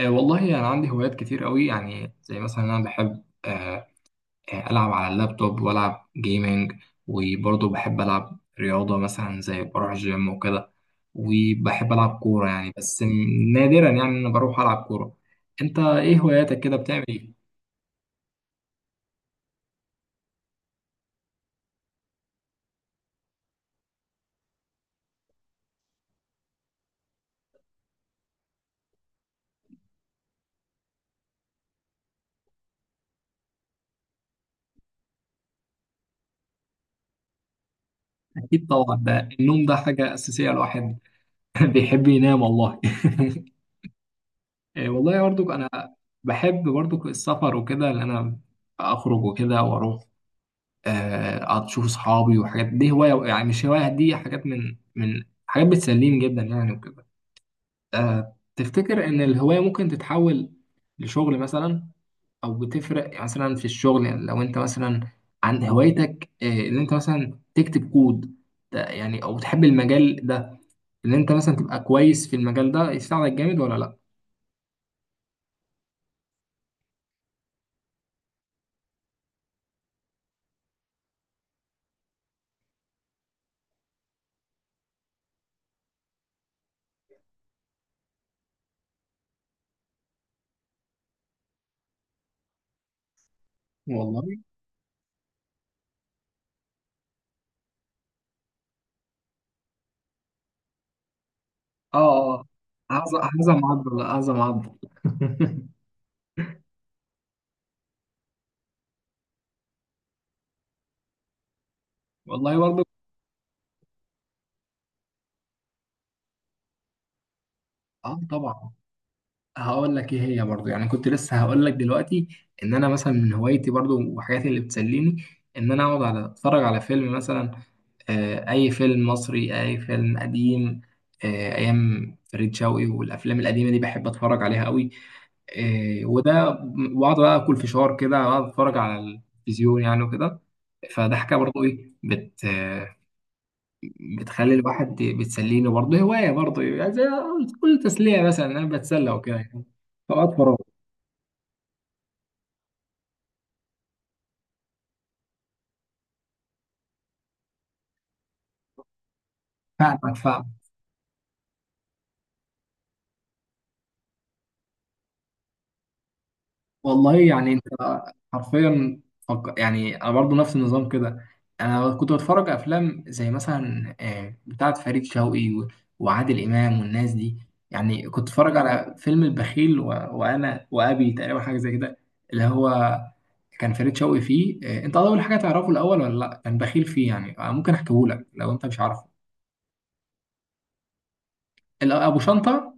والله أنا يعني عندي هوايات كتير قوي يعني زي مثلا أنا بحب ألعب على اللابتوب وألعب جيمنج وبرضه بحب ألعب رياضة مثلا زي بروح جيم وكده، وبحب ألعب كورة يعني بس نادرا يعني أنا بروح ألعب كورة. أنت إيه هواياتك كده، بتعمل إيه؟ أكيد طبعا، ده النوم ده حاجة أساسية، الواحد بيحب ينام والله. والله برضو أنا بحب برضو السفر وكده، اللي أنا أخرج وكده وأروح اشوف اصحابي، وحاجات دي هوايه يعني، مش هوايه، دي حاجات من حاجات بتسليني جدا يعني وكده. تفتكر ان الهوايه ممكن تتحول لشغل مثلا، او بتفرق مثلا في الشغل يعني؟ لو انت مثلا عن هوايتك ان انت مثلا تكتب كود ده يعني، او تحب المجال ده، ان انت مثلا تبقى كويس في المجال ده يساعدك جامد ولا لا؟ والله، اه اه. هذا، هذا معضل، هذا معضل. والله برضه. اه طبعا. هقول لك ايه هي برضو، يعني كنت لسه هقول لك دلوقتي ان انا مثلا من هوايتي برضو وحاجاتي اللي بتسليني، ان انا اقعد على اتفرج على فيلم مثلا، اي فيلم مصري، اي فيلم قديم، ايام فريد شوقي، والافلام القديمه دي بحب اتفرج عليها قوي. وده، واقعد بقى اكل فشار كده واقعد اتفرج على التلفزيون يعني وكده. فده حاجه برضو ايه، بت آه، بتخلي الواحد، بتسليني برضو، هوايه برضو يعني، زي كل تسليه مثلا انا بتسلى وكده يعني. فأقعد أتفرج. فاهمك، فاهم. والله يعني انت حرفيا، يعني انا برضه نفس النظام كده. انا كنت بتفرج افلام زي مثلا بتاعه فريد شوقي وعادل امام والناس دي. يعني كنت اتفرج على فيلم البخيل وانا وابي تقريبا، حاجه زي كده اللي هو كان فريد شوقي فيه، انت اول حاجه تعرفه الاول ولا لا، كان بخيل فيه يعني، ممكن احكيه لك لو انت مش عارفه. ابو شنطه.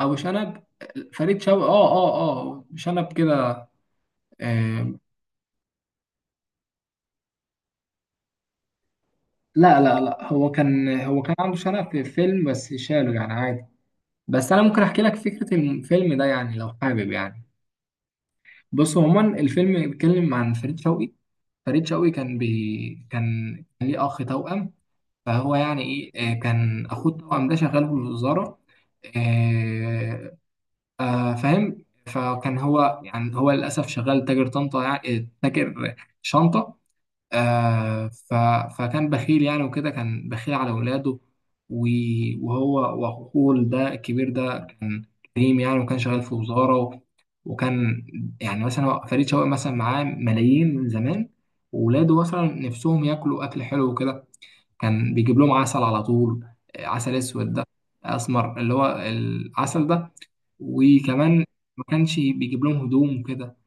ابو شنب. فريد شوقي، اه اه. اه شنب كده. آه، لا لا لا، هو كان، هو كان عنده شنف للفيلم بس شاله يعني عادي. بس انا ممكن احكي لك فكره الفيلم ده يعني، لو حابب يعني. بص عموما الفيلم بيتكلم عن فريد شوقي. فريد شوقي كان كان، كان ليه اخ توأم. فهو يعني ايه، كان اخوه التوأم ده شغال في الوزاره. آه، فاهم؟ فكان هو يعني، هو للاسف شغال تاجر طنطا يعني تاجر شنطه آه ف... فكان بخيل يعني وكده، كان بخيل على ولاده و- وهو وأخوه ده الكبير ده كان كريم يعني، وكان شغال في وزارة وكان يعني مثلا فريد شوقي مثلا معاه ملايين من زمان، وولاده مثلا نفسهم ياكلوا أكل حلو وكده، كان بيجيب لهم عسل على طول. عسل أسود ده، أسمر اللي هو العسل ده. وكمان ما كانش بيجيب لهم هدوم وكده.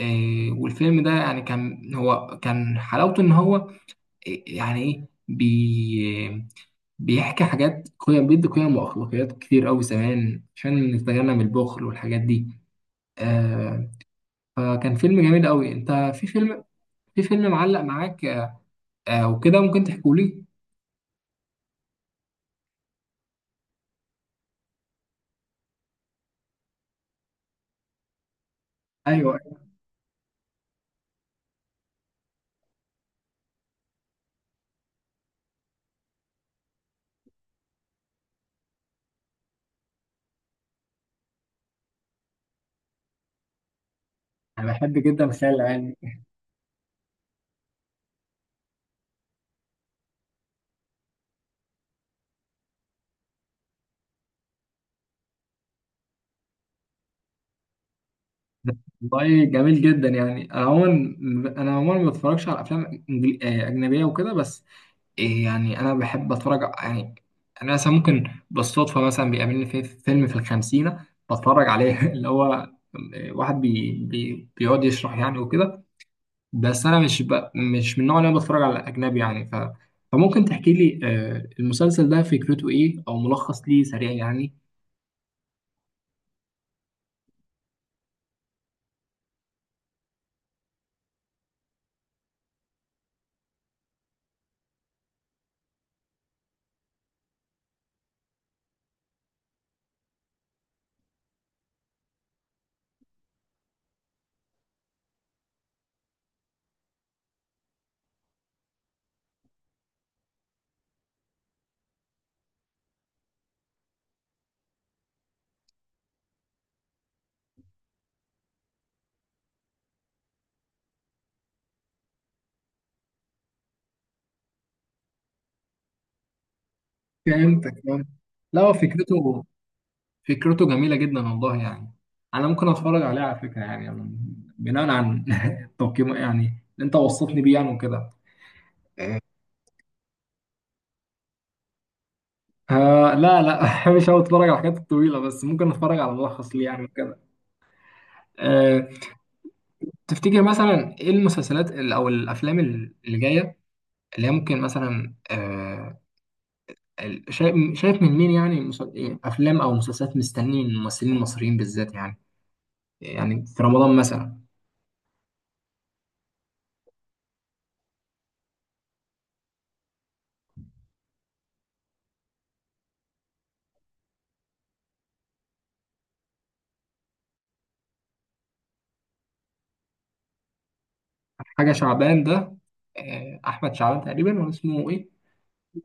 والفيلم ده يعني كان هو كان حلاوته، ان هو يعني ايه، بيحكي حاجات، قيم، بيدي قيم واخلاقيات كتير قوي زمان عشان نتجنب البخل والحاجات دي. آه. فكان فيلم جميل قوي. انت في فيلم معلق معاك آه وكده ممكن تحكوا لي؟ ايوه انا بحب جدا الخيال العلمي. والله جميل جدا يعني. انا عموما ما بتفرجش على افلام اجنبيه وكده، بس إيه يعني انا بحب اتفرج يعني. انا مثلا ممكن بالصدفه مثلا بيقابلني في فيلم في الخمسينه بتفرج عليه، اللي هو واحد بي بي بيقعد يشرح يعني وكده. بس انا مش من النوع اللي انا بتفرج على اجنبي يعني فممكن تحكي لي المسلسل ده فكرته ايه، او ملخص ليه سريع يعني. فهمتك، فاهم. لا هو فكرته جميله جدا والله يعني. انا ممكن اتفرج عليه على فكره يعني يعني، بناء عن التقييم يعني اللي انت وصفتني بيه يعني وكده. آه لا لا، مش هقعد اتفرج على الحاجات الطويله، بس ممكن اتفرج على ملخص ليه يعني كده. آه. تفتكر مثلا ايه المسلسلات او الافلام اللي جايه؟ اللي هي ممكن مثلا آه شايف، شايف من مين يعني، مس- إيه، افلام او مسلسلات مستنيين الممثلين المصريين بالذات يعني؟ يعني في رمضان مثلا. حاجه شعبان ده، آه احمد شعبان تقريبا، ولا اسمه ايه؟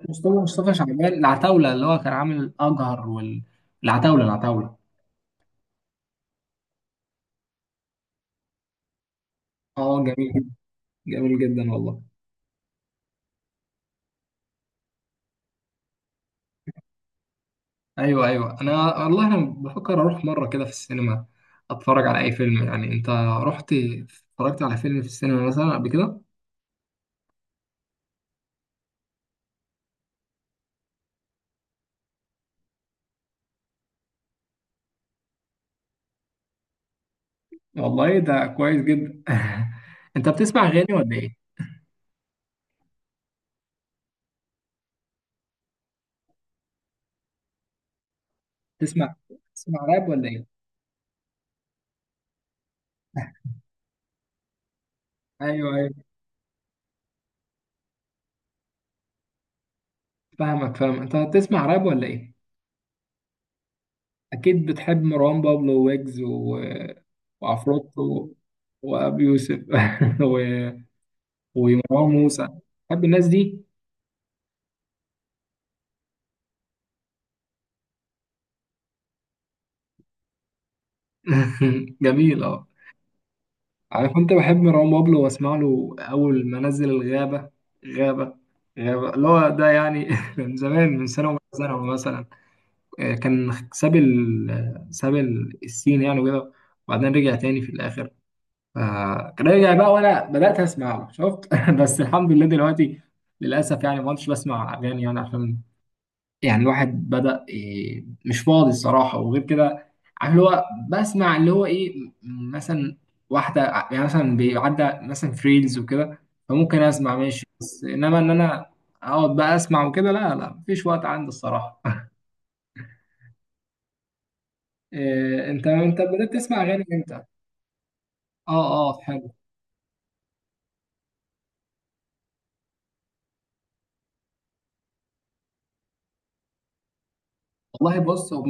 مصطفى شعبان، العتاوله اللي هو كان عامل اجهر، والعتاوله، العتاولة. اه جميل جدا، جميل جدا والله. ايوه ايوه. انا والله انا بفكر اروح مره كده في السينما، اتفرج على اي فيلم يعني. انت رحت اتفرجت على فيلم في السينما مثلا قبل كده؟ والله ده كويس جدا. انت بتسمع اغاني ولا ايه؟ تسمع تسمع راب ولا ايه؟ ايوه ايوه فاهمك، فاهم. انت بتسمع راب ولا ايه؟ اكيد بتحب مروان بابلو، ويجز وعفروتو، وابي يوسف، و... ومروان موسى. بتحب الناس دي. جميل اه. عارف انت، بحب مروان بابلو واسمع له اول ما نزل الغابه، غابه، غابه اللي هو ده يعني، من زمان، من سنه ومن سنه مثلا. كان ساب السين يعني وكده، وبعدين رجع تاني في الاخر، فكان رجع بقى وانا بدات اسمع له شفت. بس الحمد لله دلوقتي للاسف يعني ما كنتش بسمع اغاني يعني، عشان يعني الواحد بدأ إيه مش فاضي الصراحة، وغير كده عارف اللي هو بسمع اللي هو إيه، مثلا واحدة يعني مثلا بيعدى مثلا في ريلز وكده، فممكن أسمع ماشي، بس إنما إن أنا أقعد بقى أسمع وكده لا لا، مفيش وقت عندي الصراحة. إيه، أنت بدأت تسمع أغاني إمتى؟ آه آه حلو. والله بص، هو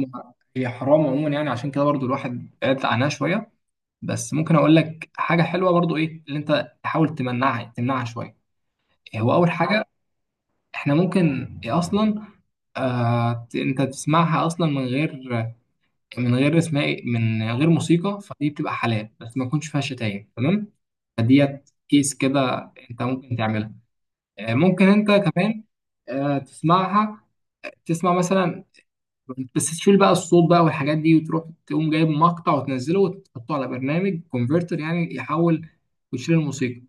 هي حرام عموما يعني، عشان كده برضو الواحد بعد عنها شوية. بس ممكن أقول لك حاجة حلوة برضو، إيه اللي أنت تحاول تمنعها، تمنعها شوية. هو أول حاجة، احنا ممكن إيه اصلا، آه انت تسمعها اصلا من غير، من غير اسمها إيه، من غير موسيقى. فدي بتبقى حلال بس ما يكونش فيها شتايم، تمام؟ فديت كيس كده انت ممكن تعملها، آه ممكن انت كمان آه تسمعها، تسمع مثلا، بس تشيل بقى الصوت بقى والحاجات دي، وتروح تقوم جايب مقطع وتنزله وتحطه على برنامج كونفرتر يعني يحول، وتشيل الموسيقى.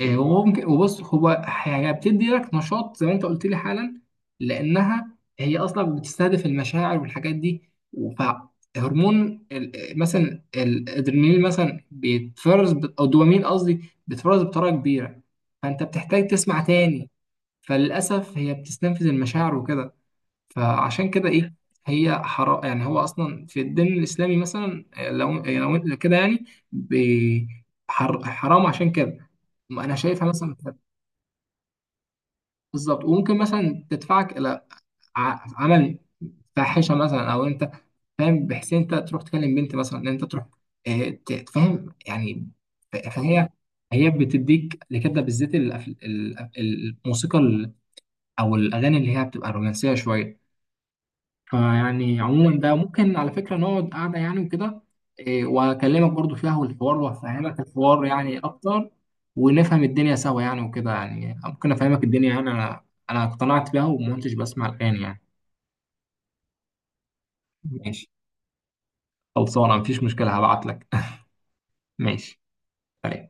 إيه، وممكن، وبص هو هي بتدي لك نشاط زي ما انت قلت لي حالا، لانها هي اصلا بتستهدف المشاعر والحاجات دي. فهرمون مثلا الادرينالين مثلا بيتفرز او الدوبامين قصدي، بيتفرز بطريقه كبيره، فانت بتحتاج تسمع تاني. فللاسف هي بتستنفذ المشاعر وكده، فعشان كده ايه، هي حرام يعني. هو اصلا في الدين الاسلامي مثلا إيه، لو إيه، لو إنت كده يعني بي- حرام عشان كده انا شايفها مثلا. بالظبط، وممكن مثلا تدفعك الى عمل فاحشه مثلا، او انت فاهم، بحيث انت تروح تكلم بنت مثلا، ان انت تروح تفهم يعني. فهي، هي بتديك لكده بالذات الموسيقى او الاغاني اللي هي بتبقى رومانسيه شويه. فيعني عموما ده ممكن على فكرة نقعد قعدة يعني وكده، إيه، وأكلمك برضو فيها والحوار، وأفهمك الحوار يعني أكتر، ونفهم الدنيا سوا يعني وكده يعني. ممكن أفهمك الدنيا يعني، أنا اقتنعت بيها وما كنتش بسمع الآن يعني. ماشي، خلصانة، مفيش مشكلة، هبعت لك. ماشي. سلام.